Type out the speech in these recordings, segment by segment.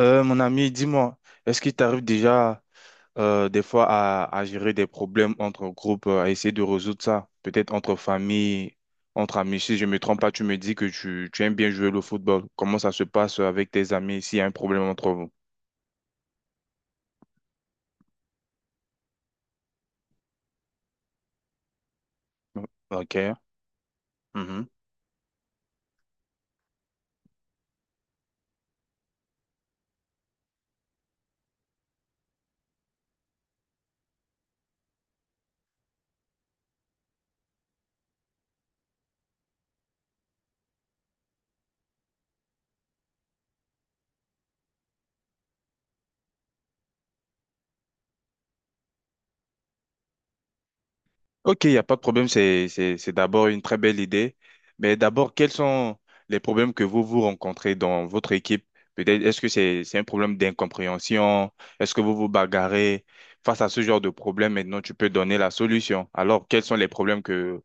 Mon ami, dis-moi, est-ce qu'il t'arrive déjà des fois à gérer des problèmes entre groupes, à essayer de résoudre ça? Peut-être entre famille, entre amis. Si je ne me trompe pas, tu me dis que tu aimes bien jouer le football. Comment ça se passe avec tes amis s'il y a un problème entre vous? Ok. Mhm. Ok, il n'y a pas de problème, c'est d'abord une très belle idée. Mais d'abord, quels sont les problèmes que vous vous rencontrez dans votre équipe? Peut-être, est-ce que c'est un problème d'incompréhension? Est-ce que vous vous bagarrez? Face à ce genre de problème, maintenant, tu peux donner la solution. Alors, quels sont les problèmes que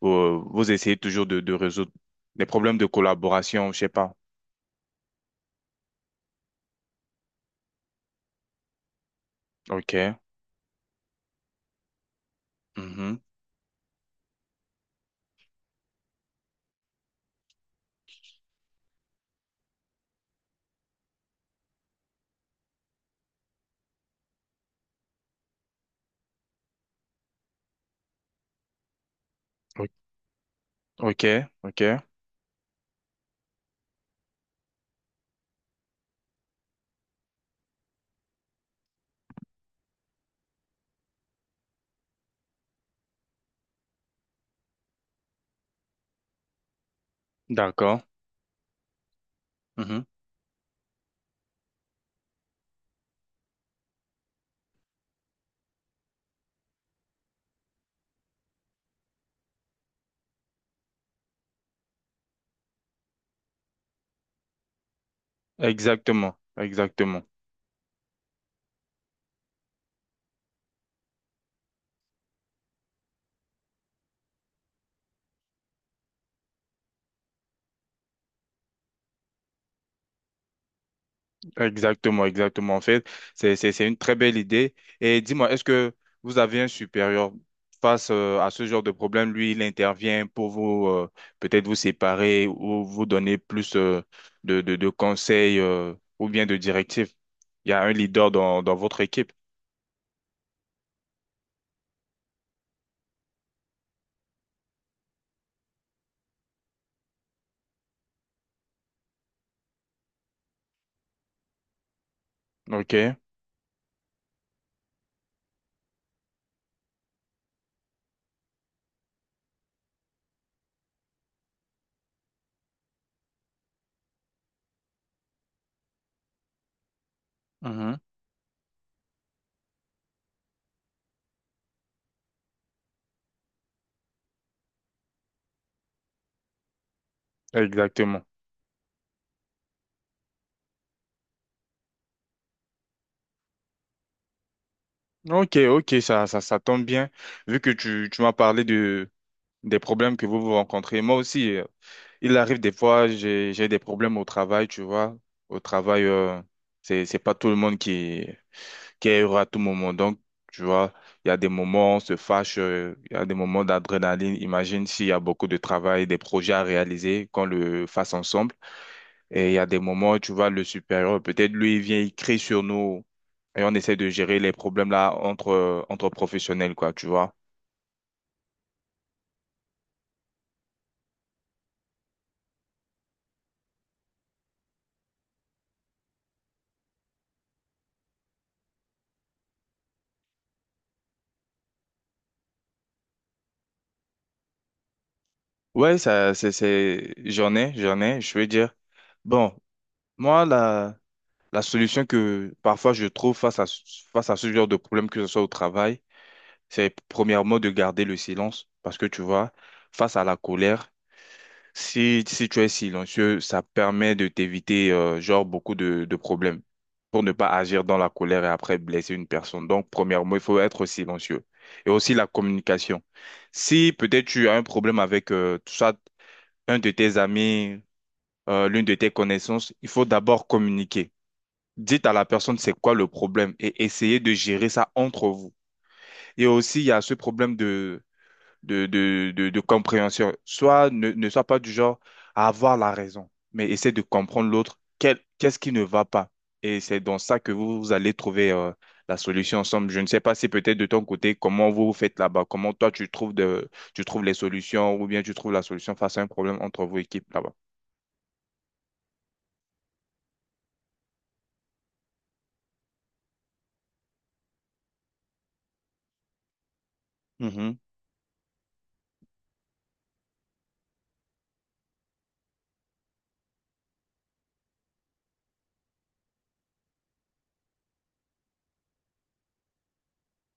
vous, vous essayez toujours de résoudre? Les problèmes de collaboration, je sais pas. Ok. Mhm. O- Ok, ok. D'accord. Mhm. Exactement, exactement. Exactement, exactement. En fait, c'est une très belle idée. Et dis-moi, est-ce que vous avez un supérieur face à ce genre de problème? Lui, il intervient pour vous, peut-être vous séparer ou vous donner plus de conseils ou bien de directives. Il y a un leader dans votre équipe. OK? Mhm. Exactement. Ok, ok, ça tombe bien. Vu que tu m'as parlé de, des problèmes que vous vous rencontrez, moi aussi, il arrive des fois, j'ai des problèmes au travail, tu vois. Au travail, c'est pas tout le monde qui est heureux à tout moment. Donc, tu vois, il y a des moments on se fâche, il y a des moments d'adrénaline. Imagine s'il y a beaucoup de travail, des projets à réaliser, qu'on le fasse ensemble. Et il y a des moments où tu vois le supérieur, peut-être lui, il vient, il crie sur nous et on essaie de gérer les problèmes là entre, entre professionnels, quoi, tu vois. Ouais, ça, c'est, j'en ai, je veux dire. Bon, moi, la solution que parfois je trouve face à, face à ce genre de problème, que ce soit au travail, c'est premièrement de garder le silence parce que tu vois, face à la colère, si tu es silencieux, ça permet de t'éviter genre beaucoup de problèmes pour ne pas agir dans la colère et après blesser une personne. Donc, premièrement, il faut être silencieux. Et aussi la communication. Si peut-être tu as un problème avec soit un de tes amis, l'une de tes connaissances, il faut d'abord communiquer. Dites à la personne c'est quoi le problème et essayez de gérer ça entre vous. Et aussi, il y a ce problème de compréhension. Soit ne sois pas du genre à avoir la raison, mais essaie de comprendre l'autre. Quel, qu'est-ce qui ne va pas? Et c'est dans ça que vous allez trouver la solution ensemble. Je ne sais pas si peut-être de ton côté, comment vous vous faites là-bas, comment toi tu trouves de, tu trouves les solutions ou bien tu trouves la solution face à un problème entre vos équipes là-bas. Mhm.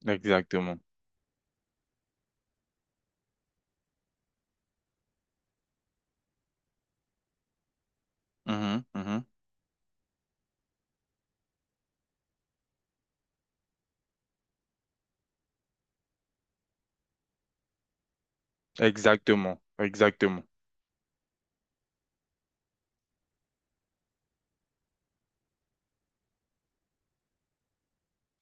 Exactement. Mhm, mhm. Exactement. Exactement.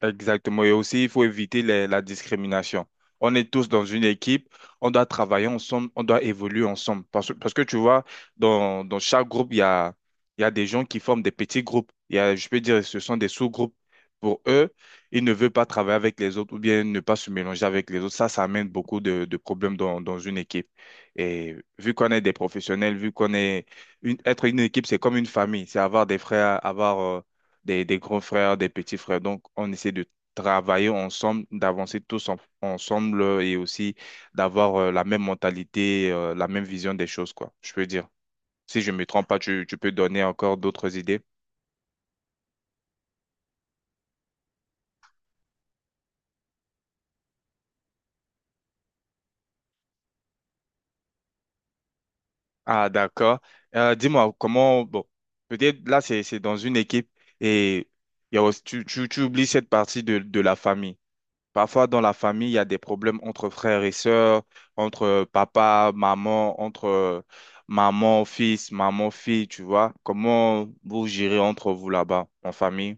Exactement. Et aussi, il faut éviter la discrimination. On est tous dans une équipe, on doit travailler ensemble, on doit évoluer ensemble. Parce que tu vois, dans chaque groupe, il y a des gens qui forment des petits groupes. Il y a, je peux dire, ce sont des sous-groupes. Pour eux, ils ne veulent pas travailler avec les autres ou bien ne pas se mélanger avec les autres. Ça amène beaucoup de problèmes dans une équipe. Et vu qu'on est des professionnels, vu qu'on est être une équipe, c'est comme une famille. C'est avoir des frères, avoir des grands frères, des petits frères. Donc, on essaie de travailler ensemble, d'avancer tous ensemble et aussi d'avoir la même mentalité, la même vision des choses, quoi, je peux dire. Si je me trompe pas, tu peux donner encore d'autres idées. Ah, d'accord. Dis-moi, comment, bon, peut-être là, c'est dans une équipe et il y a tu oublies cette partie de la famille. Parfois, dans la famille, il y a des problèmes entre frères et sœurs, entre papa, maman, entre maman, fils, maman, fille, tu vois. Comment vous gérez entre vous là-bas, en famille?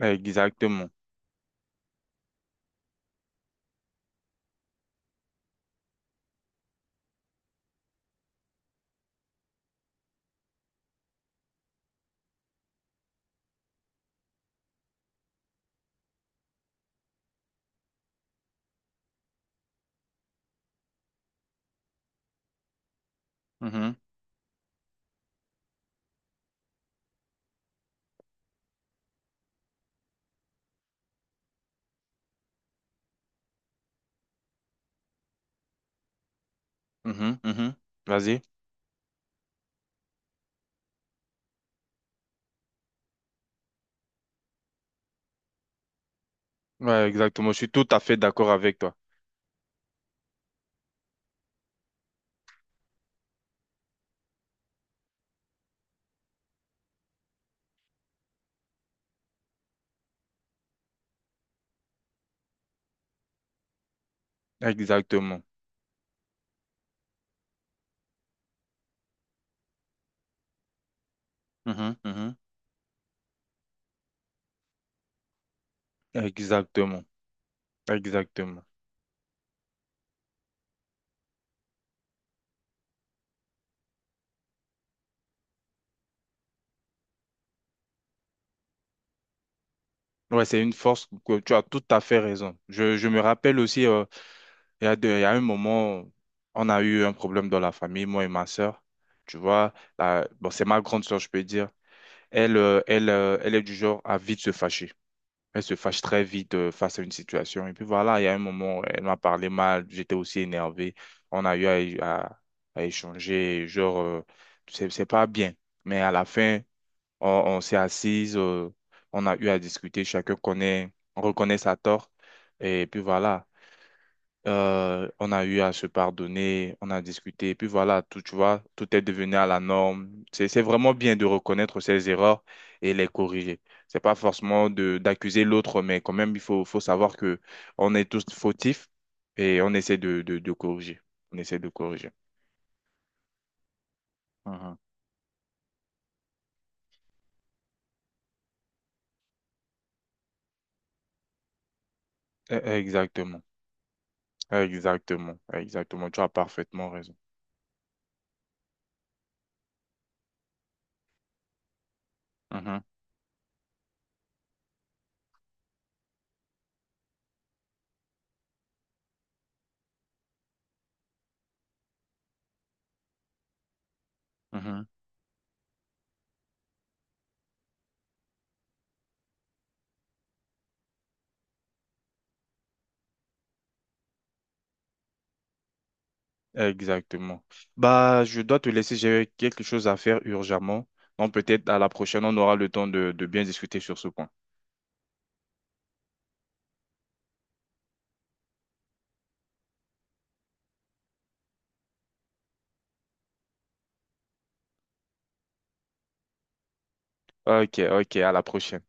Exactement. Mhm, mhm, mhm. Vas-y. Ouais, exactement. Je suis tout à fait d'accord avec toi. Exactement. Mhm, mhm. Exactement. Exactement. Ouais, c'est une force que tu as tout à fait raison. Je me rappelle aussi. Il y a il y a un moment, on a eu un problème dans la famille, moi et ma sœur. Tu vois, bon, c'est ma grande sœur, je peux dire. Elle est du genre à vite se fâcher. Elle se fâche très vite face à une situation. Et puis voilà, il y a un moment, elle m'a parlé mal, j'étais aussi énervé. On a eu à, à- à échanger, genre, c'est pas bien. Mais à la fin, on s'est assises, on a eu à discuter, on reconnaît sa tort. Et puis voilà. On a eu à se pardonner, on a discuté, et puis voilà, tout, tu vois, tout est devenu à la norme. C'est vraiment bien de reconnaître ses erreurs et les corriger. C'est pas forcément de, d'accuser l'autre, mais quand même, il faut, faut savoir que on est tous fautifs et on essaie de corriger. On essaie de corriger. Mhm. Exactement, exactement, exactement. Tu as parfaitement raison. Mhm. Mhm. Exactement. Bah, je dois te laisser, j'ai quelque chose à faire urgemment. Donc peut-être à la prochaine, on aura le temps de bien discuter sur ce point. Ok, ok, à la prochaine.